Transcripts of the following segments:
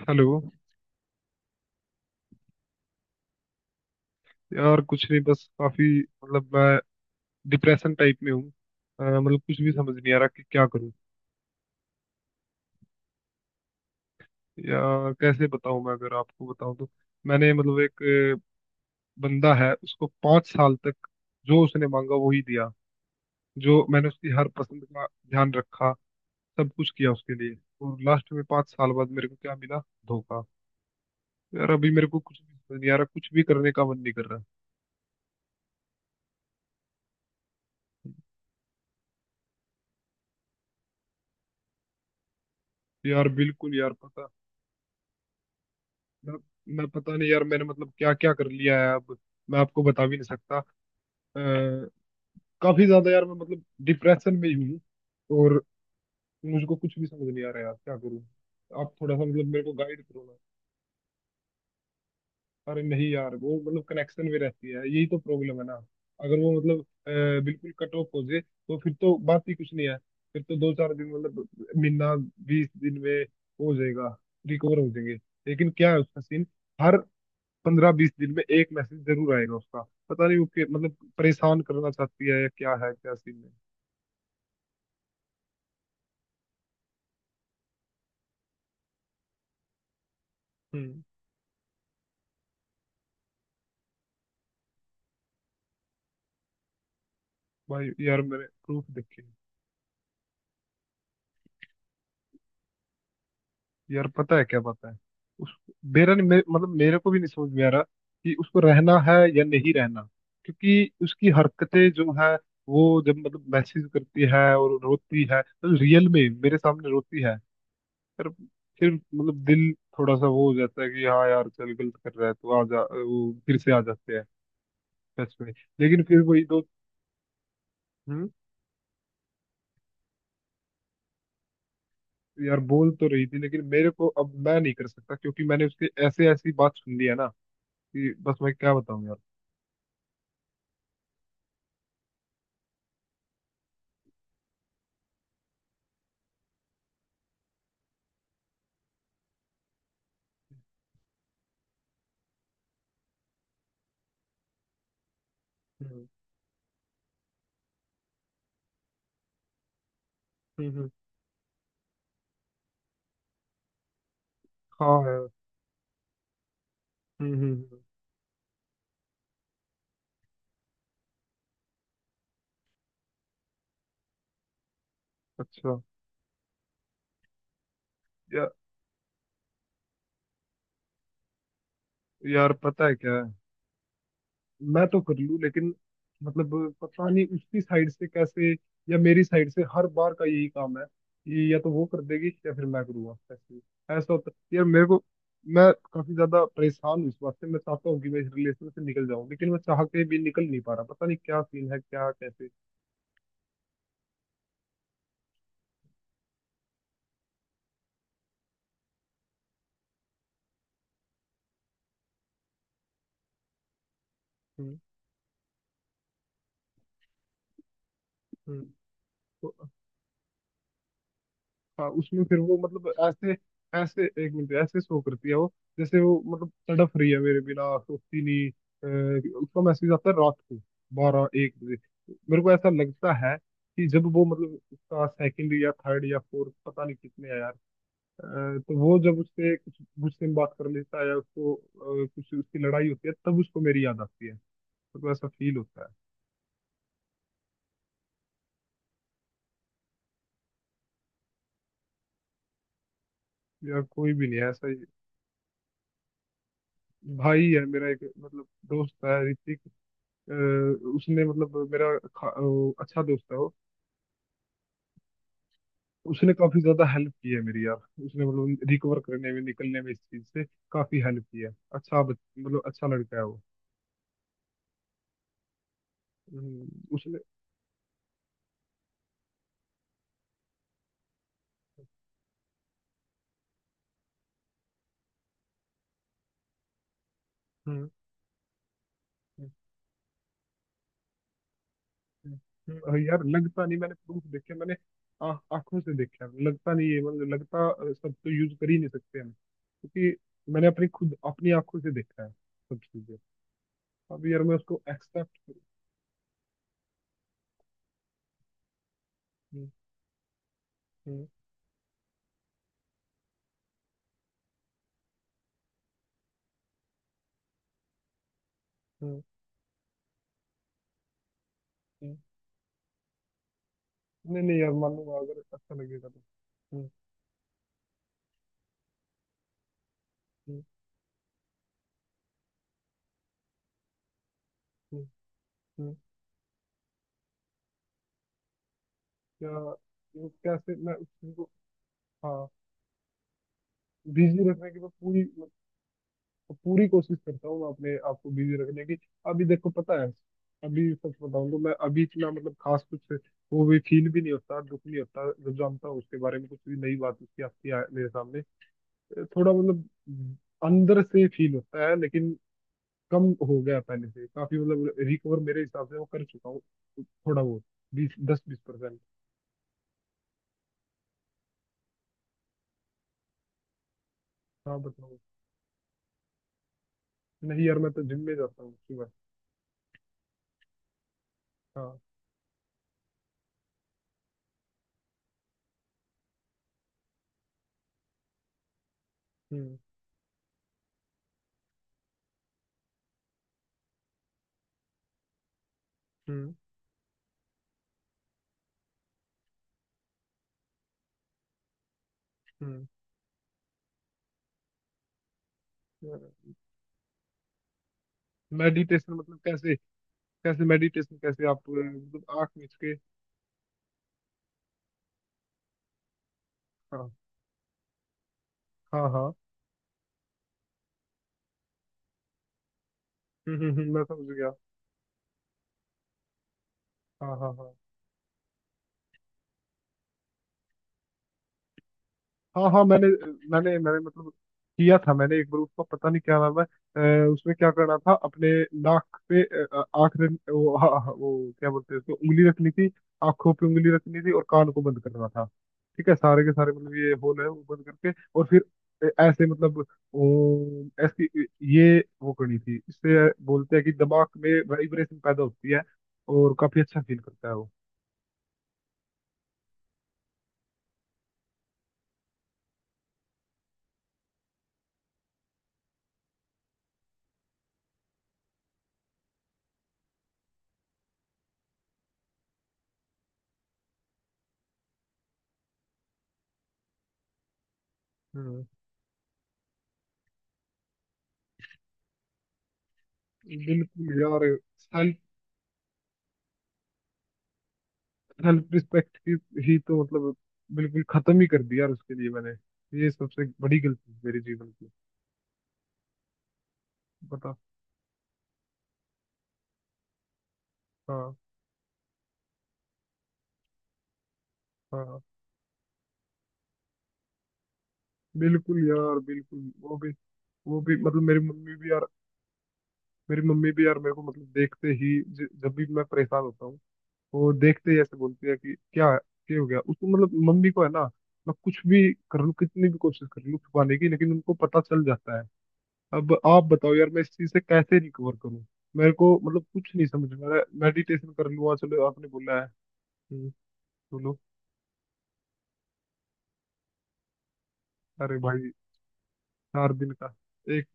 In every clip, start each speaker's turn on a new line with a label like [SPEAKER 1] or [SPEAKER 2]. [SPEAKER 1] Hello. यार कुछ नहीं, बस काफी मतलब मैं डिप्रेशन टाइप में हूँ। मतलब कुछ भी समझ नहीं आ रहा कि क्या करूँ या कैसे बताऊँ। मैं अगर आपको बताऊँ तो मैंने मतलब एक अ, बंदा है, उसको पाँच साल तक जो उसने मांगा वो ही दिया, जो मैंने उसकी हर पसंद का ध्यान रखा, सब कुछ किया उसके लिए। और लास्ट में पाँच साल बाद मेरे को क्या मिला? धोखा। यार अभी मेरे को कुछ भी समझ नहीं आ रहा, कुछ भी करने का मन नहीं कर रहा। यार बिल्कुल, यार पता मैं मैं पता नहीं यार, मैंने मतलब क्या क्या कर लिया है अब मैं आपको बता भी नहीं सकता। काफी ज्यादा यार मैं मतलब डिप्रेशन में ही हूँ। और मुझको कुछ भी समझ नहीं आ रहा यार, क्या करूँ? आप थोड़ा सा मतलब मेरे को गाइड करो ना। अरे नहीं यार, वो मतलब कनेक्शन में रहती है, यही तो प्रॉब्लम है ना। अगर वो मतलब बिल्कुल कट ऑफ हो जाए तो फिर तो बात ही कुछ नहीं है। फिर तो दो चार दिन मतलब महीना, बीस दिन में हो जाएगा, रिकवर हो जाएंगे। लेकिन क्या है उसका सीन? हर पंद्रह बीस दिन में एक मैसेज जरूर आएगा उसका। पता नहीं वो मतलब परेशान करना चाहती है या क्या है, क्या सीन है। हम्म। भाई यार, मेरे प्रूफ देखे। यार पता है क्या, पता है उस मेरा नहीं मतलब मेरे को भी नहीं समझ में आ रहा कि उसको रहना है या नहीं रहना, क्योंकि उसकी हरकतें जो है वो, जब मतलब मैसेज करती है और रोती है तो रियल में मेरे सामने रोती है। फिर फिर मतलब दिल थोड़ा सा वो हो जाता है कि हाँ यार चल गलत कर रहा है, तो आ जा, वो फिर से आ जाते हैं सच में। लेकिन फिर वही तो। हम्म। यार बोल तो रही थी लेकिन मेरे को, अब मैं नहीं कर सकता क्योंकि मैंने उसके ऐसे ऐसी बात सुन ली है ना, कि बस मैं क्या बताऊं यार। हम्म। हम्म। हम्म। हाँ यार। हम्म। अच्छा। या, यार पता है क्या, मैं तो कर लूँ लेकिन मतलब पता नहीं उसकी साइड से कैसे, या मेरी साइड से हर बार का यही काम है कि या तो वो कर देगी या फिर मैं करूँगा ऐसे। ऐसा होता यार मेरे को। मैं काफी ज्यादा परेशान हूँ इस बात से, मैं चाहता हूँ कि मैं इस रिलेशन से निकल जाऊँ लेकिन मैं चाह के भी निकल नहीं पा रहा, पता नहीं क्या सीन है, क्या कैसे। हम्म। हम्म। तो हाँ, उसमें फिर वो मतलब ऐसे ऐसे एक मिनट ऐसे शो करती है वो, जैसे वो मतलब तड़प रही है मेरे बिना, सोचती नहीं। उसका मैसेज आता है रात को बारह एक बजे। मेरे को ऐसा लगता है कि जब वो मतलब उसका सेकंड या थर्ड या फोर्थ पता नहीं कितने है यार, तो वो जब उससे कुछ कुछ दिन बात कर लेता है या उसको कुछ उसकी लड़ाई होती है तब उसको मेरी याद आती है। मेरे को ऐसा फील होता है यार, कोई भी नहीं है ऐसा ही। भाई, है मेरा एक मतलब दोस्त है ऋतिक। अ, उसने मतलब अच्छा दोस्त है वो। उसने काफी ज्यादा हेल्प की है मेरी यार, उसने मतलब रिकवर करने में, निकलने में इस चीज से काफी हेल्प की है। अच्छा मतलब अच्छा लड़का है वो। हम्म। उसने। हम्म। हम्म। हम्म। हम्म। यार लगता नहीं, मैंने प्रूफ देखे, मैंने आंखों से देखा है, लगता नहीं है मतलब लगता सब तो यूज कर ही नहीं सकते हम, क्योंकि मैंने अपनी खुद अपनी आंखों से देखा है सब चीजें। अब यार मैं उसको एक्सेप्ट। नहीं नहीं यार, मानूंगा अगर अच्छा लगेगा तो। हम्म। हम्म। हम्म। हम्म। क्या वो, कैसे मैं उसको। हाँ। बिजी रखने की मैं पूरी पूरी कोशिश करता हूँ, मैं अपने आप को बिजी रखने की। अभी देखो पता है, अभी सच बताऊँ तो मैं अभी इतना मतलब खास कुछ वो भी फील भी नहीं होता, दुख नहीं होता जब जानता हूँ उसके बारे में कुछ भी नई बात उसकी आती है मेरे सामने। थोड़ा मतलब अंदर से फील होता है लेकिन कम हो गया पहले से, काफी मतलब रिकवर मेरे हिसाब से वो कर चुका हूँ थोड़ा बहुत, बीस दस बीस परसेंट। हाँ बताओ। नहीं यार, मैं तो जिम में जाता हूँ सुबह। हाँ। हम्म। हम्म। हम्म। मेडिटेशन मतलब कैसे? कैसे मेडिटेशन, कैसे आप मतलब आंख मीच के? हाँ हाँ हाँ। मैं समझ गया। हाँ हाँ हाँ। हाँ हाँ मैंने मैंने मैंने मतलब किया था मैंने एक बार, उसका पता नहीं क्या नाम है। उसमें क्या करना था, अपने नाक पे आँख रख वो, हाँ, हाँ, वो क्या बोलते हैं उसको, उंगली रखनी थी आंखों पे, उंगली रखनी थी और कान को बंद करना था। ठीक है, सारे के सारे मतलब ये होल है वो बंद करके, और फिर ऐसे मतलब ऐसी ये वो करनी थी। इससे बोलते हैं कि दिमाग में वाइब्रेशन पैदा होती है और काफी अच्छा फील करता है वो। हम्म। बिल्कुल यार, सेल्फ रिस्पेक्ट ही तो मतलब बिल्कुल खत्म ही कर दिया यार उसके लिए मैंने। ये सबसे बड़ी गलती है मेरे जीवन की। बता। हाँ हाँ बिल्कुल यार बिल्कुल, वो भी मतलब मेरी मम्मी भी यार मेरे को मतलब देखते ही जब भी मैं परेशान होता हूँ वो देखते ही ऐसे बोलती है कि क्या क्या हो गया उसको, मतलब मम्मी को है ना। मैं कुछ भी कर लूँ, कितनी भी कोशिश कर लूँ छुपाने की, लेकिन उनको पता चल जाता है। अब आप बताओ यार, मैं इस चीज से कैसे रिकवर करूं? मेरे को मतलब कुछ नहीं समझ में आ रहा है। मेडिटेशन कर लूँ, चलो आपने बोला है। हम्म, बोलो। अरे भाई! चार दिन का एक,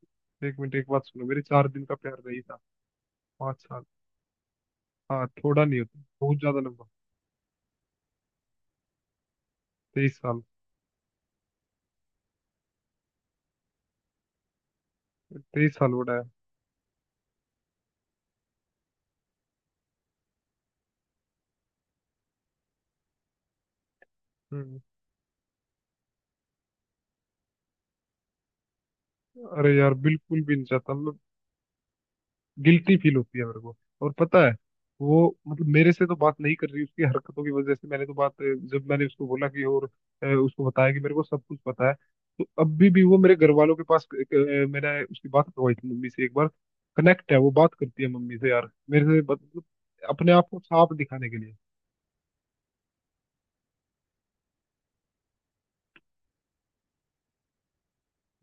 [SPEAKER 1] एक मिनट, एक बात सुनो मेरे, चार दिन का प्यार नहीं था पाँच साल। हाँ थोड़ा नहीं होता, बहुत ज्यादा लंबा। तेईस साल। तेईस साल बड़ा है। हम्म। अरे यार बिल्कुल भी नहीं चाहता मतलब, गिल्टी फील होती है मेरे को। और पता है, वो मतलब मेरे से तो बात नहीं कर रही उसकी हरकतों की वजह से, मैंने तो बात जब मैंने उसको बोला कि और उसको बताया कि मेरे को सब कुछ पता है, तो अभी भी वो मेरे घर वालों के पास मैंने उसकी बात करवाई थी मम्मी से एक बार, कनेक्ट है, वो बात करती है मम्मी से यार, मेरे से मतलब अपने आप को साफ दिखाने के लिए।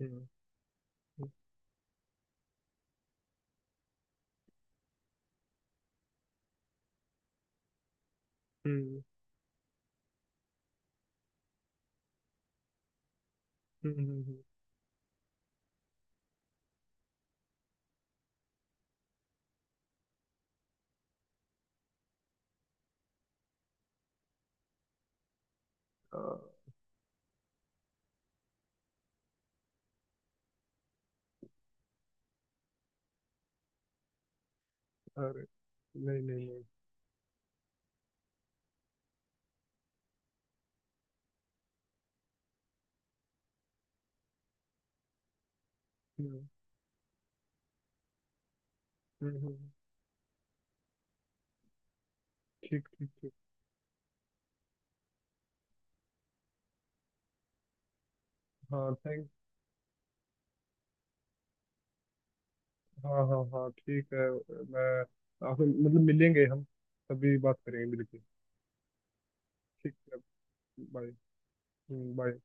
[SPEAKER 1] हम्म। हम्म। हम्म। अ, अरे नहीं नहीं नहीं। हम्म। हम्म। ठीक ठीक ठीक। हाँ थैंक। हाँ हाँ हाँ ठीक है। मैं आपसे मतलब मिलेंगे हम, तभी बात करेंगे मिलके। ठीक है। बाय। बाय।